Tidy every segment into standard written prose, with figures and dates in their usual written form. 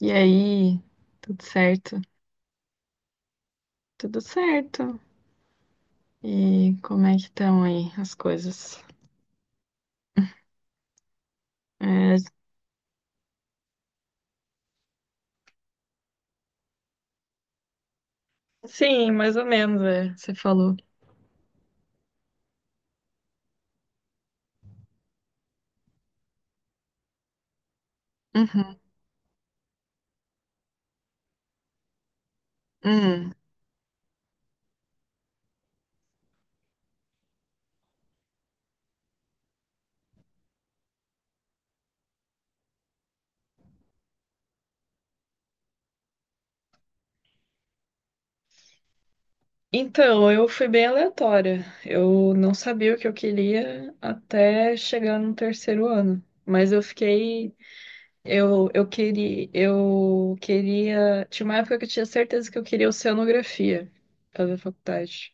E aí, tudo certo? Tudo certo. E como é que estão aí as coisas? É, sim, mais ou menos, você falou. Uhum. Hum. Então, eu fui bem aleatória. Eu não sabia o que eu queria até chegar no terceiro ano. Mas eu fiquei. Eu queria. Eu queria. Tinha uma época que eu tinha certeza que eu queria oceanografia fazer faculdade.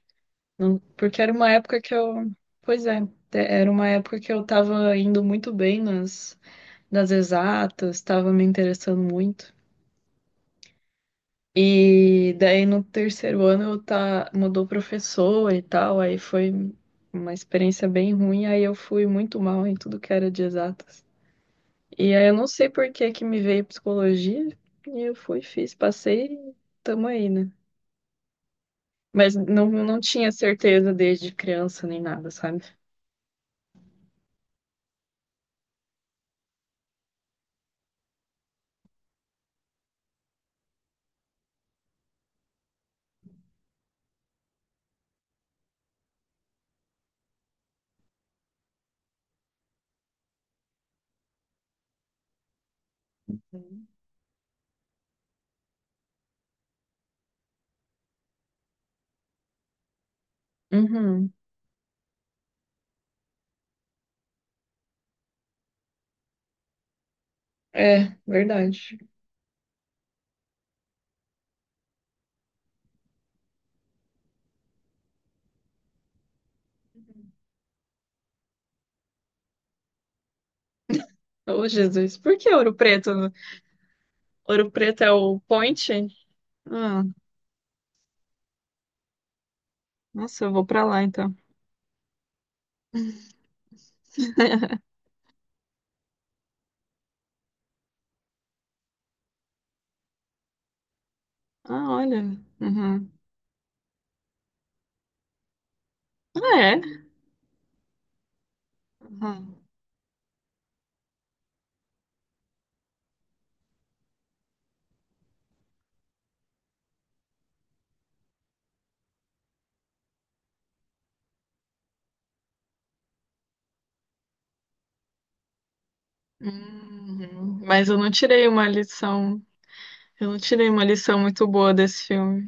Porque era uma época que eu. Pois é, era uma época que eu tava indo muito bem nas exatas, tava me interessando muito. E daí no terceiro ano eu tá, mudou professor e tal, aí foi uma experiência bem ruim, aí eu fui muito mal em tudo que era de exatas. E aí eu não sei por que que me veio psicologia, e eu fui, fiz, passei e tamo aí, né? Mas não tinha certeza desde criança nem nada, sabe? Uhum. Uhum. É, verdade. Ô, Jesus, por que Ouro Preto? Ouro Preto é o Point? Ah, nossa, eu vou pra lá então. Ah, olha. Uhum. Ah, é? Uhum. Uhum. Mas eu não tirei uma lição. Eu não tirei uma lição muito boa desse filme.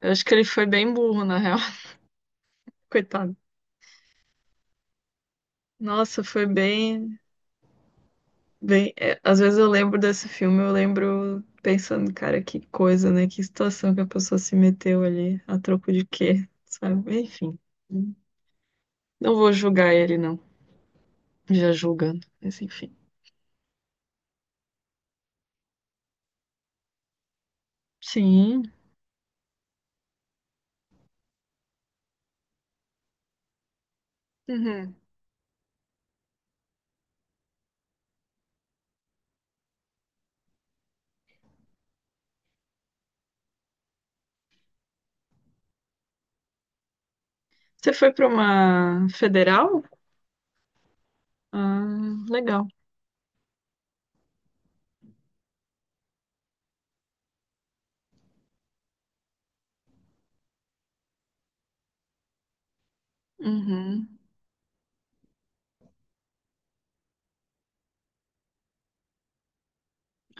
Eu acho que ele foi bem burro, na real. Coitado. Nossa, foi bem. Às vezes eu lembro desse filme, eu lembro pensando, cara, que coisa, né? Que situação que a pessoa se meteu ali, a troco de quê, sabe? Enfim. Não vou julgar ele, não. Já julgando, mas enfim. Sim. Uhum. Você foi para uma federal? Ah, legal. Uhum.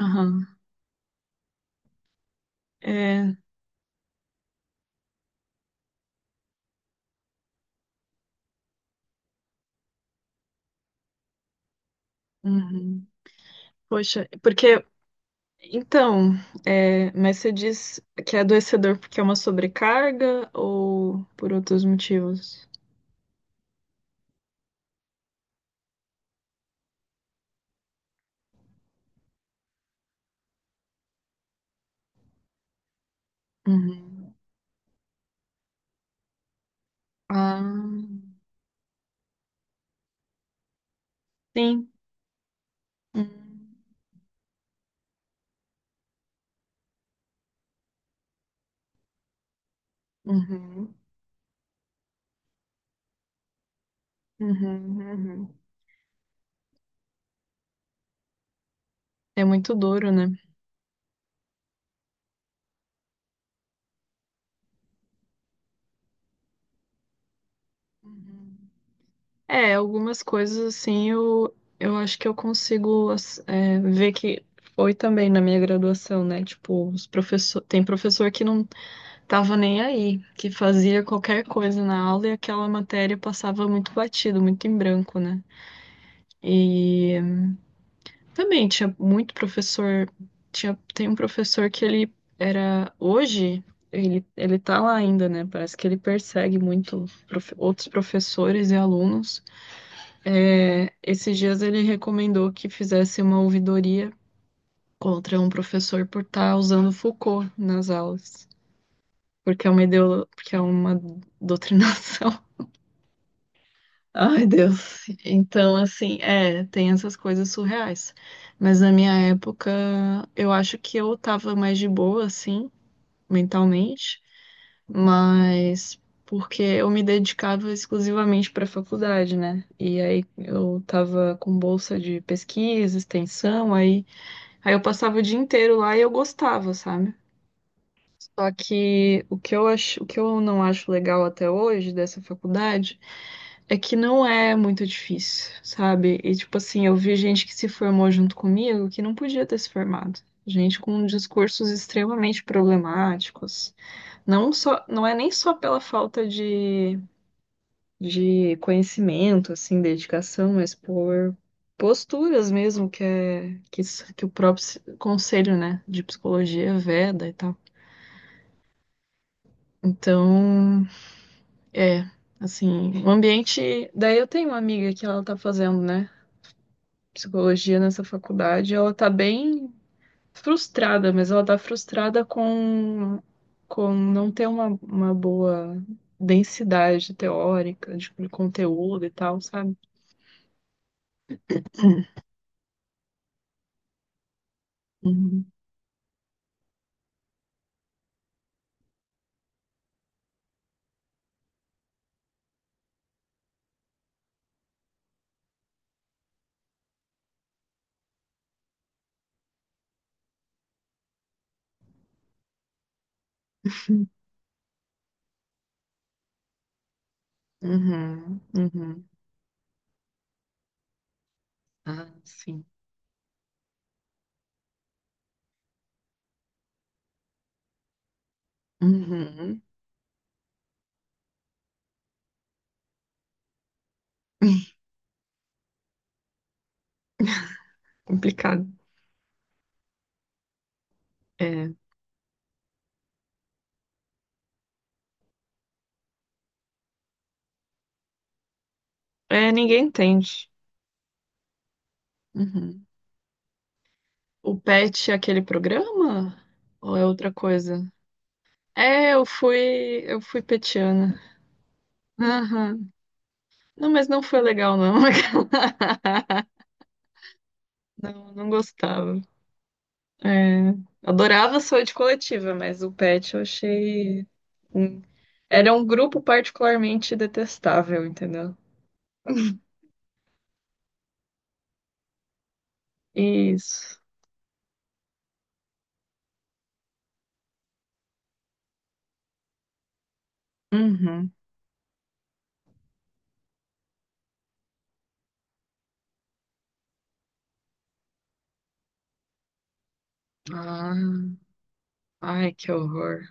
Aham. É. Uhum. Poxa, porque. Então, é, mas você diz que é adoecedor porque é uma sobrecarga ou por outros motivos? Uhum. Ah, sim. Uhum. Uhum. Uhum. Uhum. É muito duro, né? Uhum. É, algumas coisas assim eu acho que eu consigo ver que foi também na minha graduação, né? Tipo, os professor, tem professor que não tava nem aí, que fazia qualquer coisa na aula e aquela matéria passava muito batido, muito em branco, né? E também tinha muito professor, tinha, tem um professor que ele era hoje. Ele tá lá ainda, né? Parece que ele persegue outros professores e alunos. É, esses dias ele recomendou que fizesse uma ouvidoria contra um professor por estar usando Foucault nas aulas, porque é uma porque é uma doutrinação. Ai, Deus. Então, assim, é, tem essas coisas surreais. Mas na minha época, eu acho que eu tava mais de boa, assim, mentalmente. Mas porque eu me dedicava exclusivamente para a faculdade, né? E aí eu tava com bolsa de pesquisa, extensão, aí eu passava o dia inteiro lá e eu gostava, sabe? Só que o que eu acho, o que eu não acho legal até hoje dessa faculdade é que não é muito difícil, sabe? E tipo assim, eu vi gente que se formou junto comigo que não podia ter se formado. Gente com discursos extremamente problemáticos. Não só, não é nem só pela falta de conhecimento, assim, dedicação, mas por posturas mesmo que é que o próprio conselho, né, de psicologia veda e tal. Então, é, assim, o ambiente. Daí eu tenho uma amiga que ela tá fazendo, né, psicologia nessa faculdade. Ela tá bem frustrada, mas ela tá frustrada com não ter uma boa densidade teórica, tipo, de conteúdo e tal, sabe? Uhum, uhum. Ah, sim. Uhum. Complicado. É. É, ninguém entende. Uhum. O PET é aquele programa? Ou é outra coisa? É, eu fui petiana. Aham. Não, mas não foi legal, não. Não, não gostava. É, adorava sua de coletiva, mas o pet eu achei. Hum, era um grupo particularmente detestável, entendeu? Isso. Uhum. Ah, ai, que horror.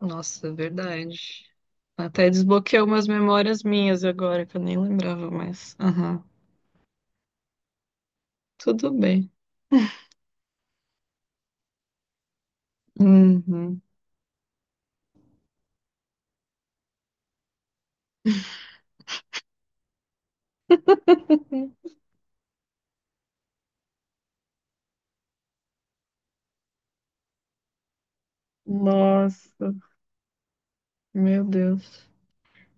Nossa, é verdade. Até desbloqueou umas memórias minhas agora, que eu nem lembrava mais. Aham. Tudo bem. Uhum. Nossa, meu Deus.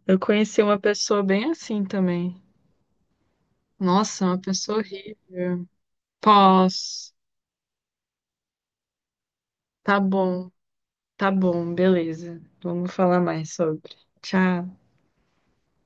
Eu conheci uma pessoa bem assim também. Nossa, uma pessoa horrível. Posso. Tá bom, tá bom, beleza. Vamos falar mais sobre. Tchau.